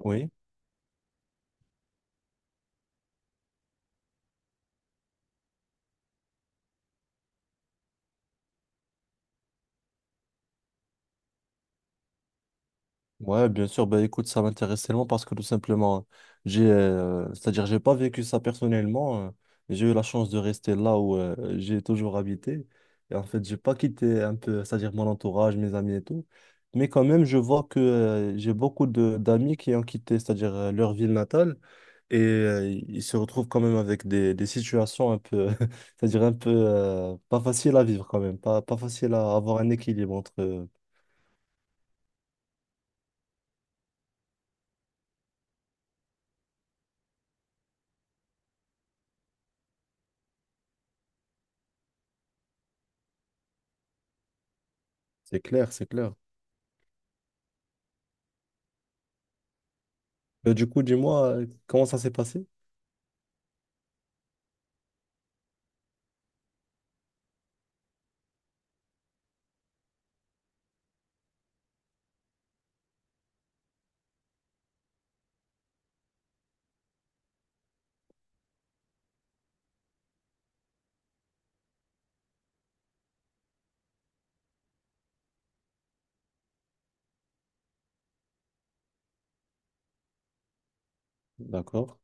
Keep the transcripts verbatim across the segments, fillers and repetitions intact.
Oui, ouais, bien sûr. Bah, écoute, ça m'intéresse tellement parce que tout simplement, j'ai, euh, c'est-à-dire, j'ai pas vécu ça personnellement. euh, j'ai eu la chance de rester là où euh, j'ai toujours habité. Et en fait, j'ai pas quitté un peu, c'est-à-dire mon entourage, mes amis et tout. Mais quand même, je vois que euh, j'ai beaucoup de d'amis qui ont quitté, c'est-à-dire euh, leur ville natale, et euh, ils se retrouvent quand même avec des, des situations un peu, c'est-à-dire un peu euh, pas faciles à vivre quand même, pas pas facile à avoir un équilibre entre. euh, C'est clair, c'est clair. Euh, du coup, dis-moi, euh, comment ça s'est passé? D'accord.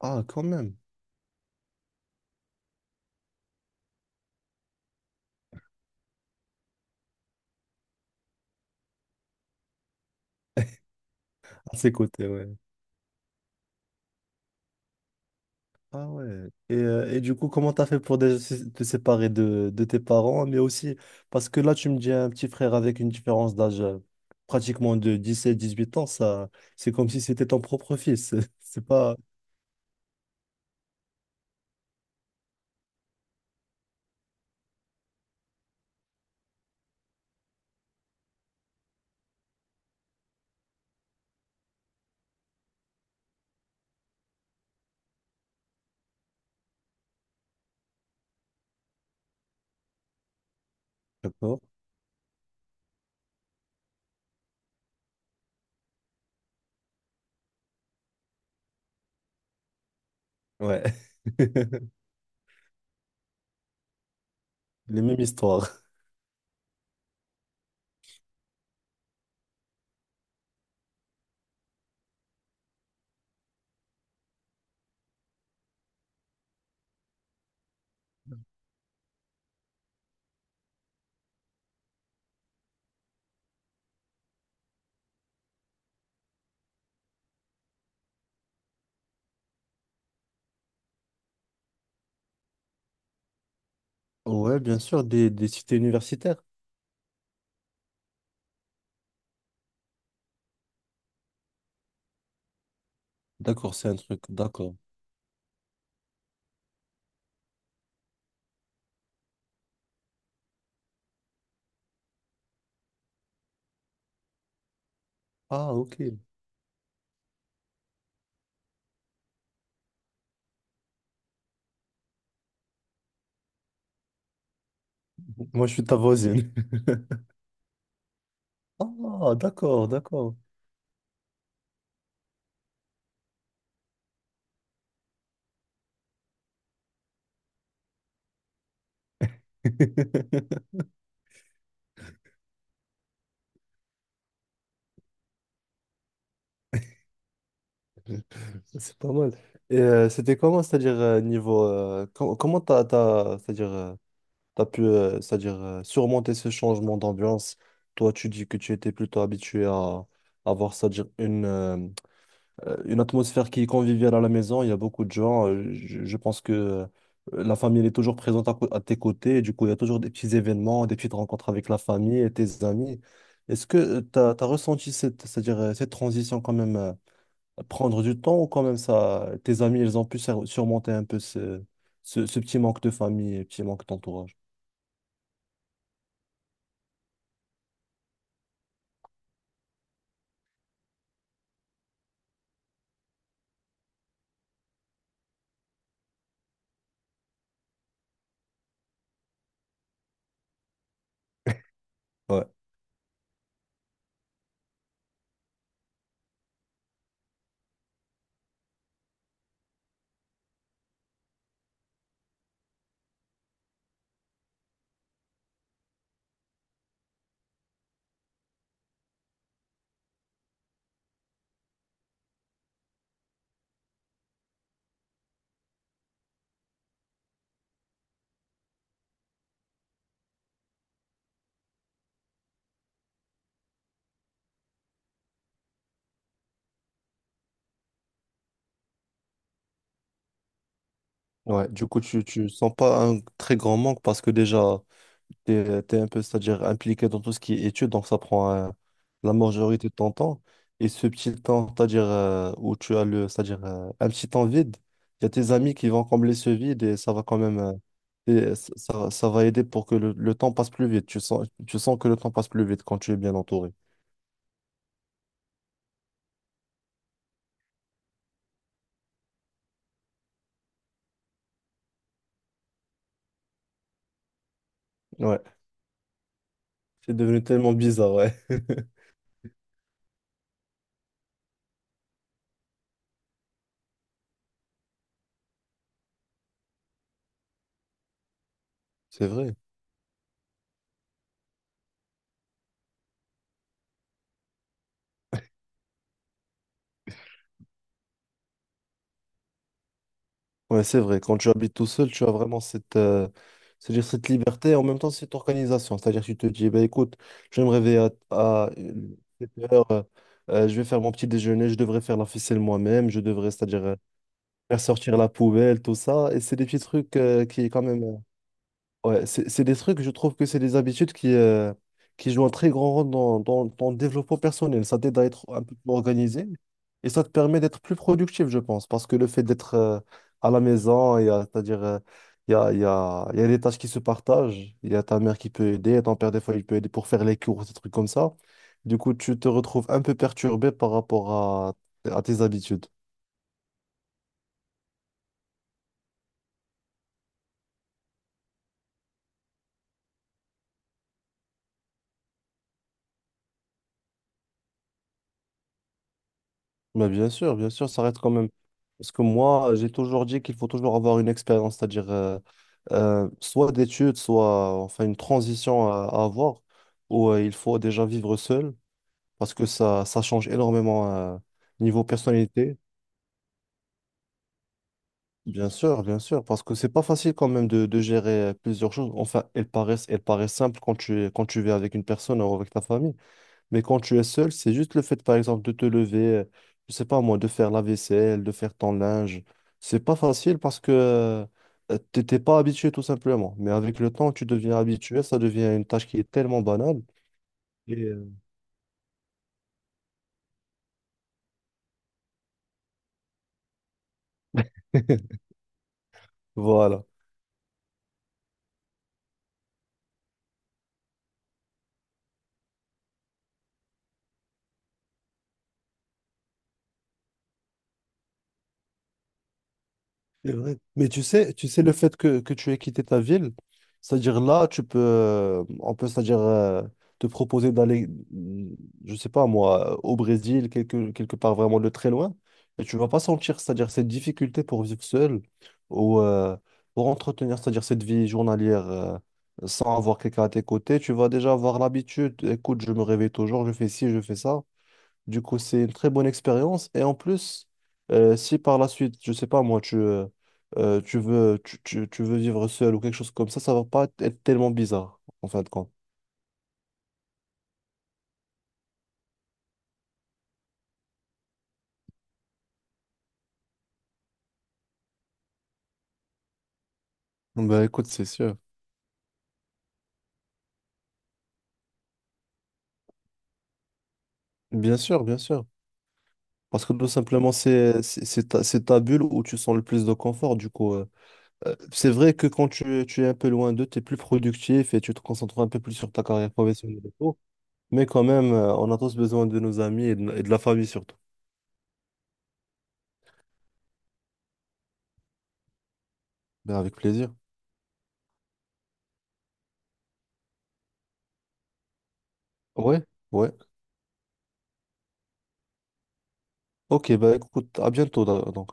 Ah, quand même. À ses côtés, ouais. Ah ouais. Et, euh, et du coup, comment t'as fait pour déjà sé- te séparer de, de tes parents, mais aussi parce que là, tu me dis un petit frère avec une différence d'âge euh, pratiquement de dix sept dix huit ans, ça, c'est comme si c'était ton propre fils. C'est pas. D'accord. Ouais. Les mêmes histoires. Ouais, bien sûr, des, des cités universitaires. D'accord, c'est un truc. D'accord. Ah, ok. Moi, je suis ta voisine. Ah, d'accord, d'accord. C'est pas mal. Et euh, c'était comment, c'est-à-dire euh, niveau euh, com- comment t'as, t'as- c'est-à-dire euh, t'as pu euh, c'est-à-dire euh, surmonter ce changement d'ambiance? Toi, tu dis que tu étais plutôt habitué à avoir, c'est-à-dire une euh, euh, une atmosphère qui est conviviale à la maison. Il y a beaucoup de gens. euh, je, je pense que euh, la famille elle est toujours présente à, cô- à tes côtés. Et du coup, il y a toujours des petits événements, des petites rencontres avec la famille et tes amis. Est-ce que tu as ressenti cette, c'est-à-dire euh, cette transition quand même? euh, prendre du temps ou quand même ça, tes amis, ils ont pu sur- surmonter un peu ce, ce, ce petit manque de famille et petit manque d'entourage. Ouais, ouais. Du coup, tu, tu sens pas un très grand manque parce que déjà, t'es, t'es un peu, c'est-à-dire impliqué dans tout ce qui est études, donc ça prend euh, la majorité de ton temps. Et ce petit temps, c'est-à-dire euh, où tu as le, c'est-à-dire euh, un petit temps vide, il y a tes amis qui vont combler ce vide et ça va quand même, euh, et ça, ça ça va aider pour que le, le temps passe plus vite. Tu sens, tu sens que le temps passe plus vite quand tu es bien entouré. Ouais, c'est devenu tellement bizarre, ouais. C'est vrai. Ouais, c'est vrai. Quand tu habites tout seul, tu as vraiment cette, euh, c'est-à-dire cette liberté et en même temps cette organisation. C'est-à-dire que tu te dis, bah, écoute, je vais me réveiller à, à sept heures, euh, euh, je vais faire mon petit déjeuner, je devrais faire la ficelle moi-même, je devrais, c'est-à-dire euh, faire sortir la poubelle, tout ça. Et c'est des petits trucs euh, qui, quand même. Ouais, c'est c'est des trucs, je trouve que c'est des habitudes qui, euh, qui jouent un très grand rôle dans, dans, dans le développement personnel. Ça t'aide à être un peu plus organisé et ça te permet d'être plus productif, je pense, parce que le fait d'être euh, à la maison, il y a- c'est-à-dire, euh, il y a, il y a, il y a des tâches qui se partagent, il y a ta mère qui peut aider, ton père des fois il peut aider pour faire les courses, des trucs comme ça. Du coup, tu te retrouves un peu perturbé par rapport à, à tes habitudes. Mais bien sûr, bien sûr, ça reste quand même. Parce que moi, j'ai toujours dit qu'il faut toujours avoir une expérience, c'est-à-dire euh, euh, soit d'études, soit enfin une transition à, à avoir, où euh, il faut déjà vivre seul, parce que ça, ça change énormément euh, niveau personnalité. Bien sûr, bien sûr, parce que c'est pas facile quand même de, de gérer euh, plusieurs choses. Enfin, elles paraissent, elles paraissent simples quand tu, es- quand tu vis avec une personne ou avec ta famille. Mais quand tu es seul, c'est juste le fait, par exemple, de te lever, euh, je sais pas moi, de faire la vaisselle, de faire ton linge. C'est pas facile parce que tu t'étais pas habitué tout simplement. Mais avec le temps, tu deviens habitué, ça devient une tâche qui est tellement banale. Et euh, voilà. C'est vrai. Mais tu sais, tu sais le fait que, que tu aies quitté ta ville, c'est-à-dire là, tu peux, euh, on peut, c'est-à-dire euh, te proposer d'aller, mm, je sais pas moi, au Brésil, quelque, quelque part vraiment de très loin, et tu vas pas sentir, c'est-à-dire cette difficulté pour vivre seul ou euh, pour entretenir, c'est-à-dire cette vie journalière euh, sans avoir quelqu'un à tes côtés, tu vas déjà avoir l'habitude, écoute, je me réveille toujours, je fais ci, je fais ça. Du coup, c'est une très bonne expérience. Et en plus, euh, si par la suite, je sais pas moi, tu, euh, euh, tu veux, tu, tu- tu veux vivre seul ou quelque chose comme ça, ça va pas être tellement bizarre, en fin de compte. Bah écoute, c'est sûr. Bien sûr, bien sûr. Parce que tout simplement, c'est c'est c'est ta, c'est ta bulle où tu sens le plus de confort. Du coup, euh, euh, c'est vrai que quand tu, tu es un peu loin d'eux, tu es plus productif et tu te concentres un peu plus sur ta carrière professionnelle et tout. Mais quand même, euh, on a tous besoin de nos amis et de, et de la famille surtout. ben avec plaisir. Ouais, ouais. Ok, bah écoute, à bientôt da- donc.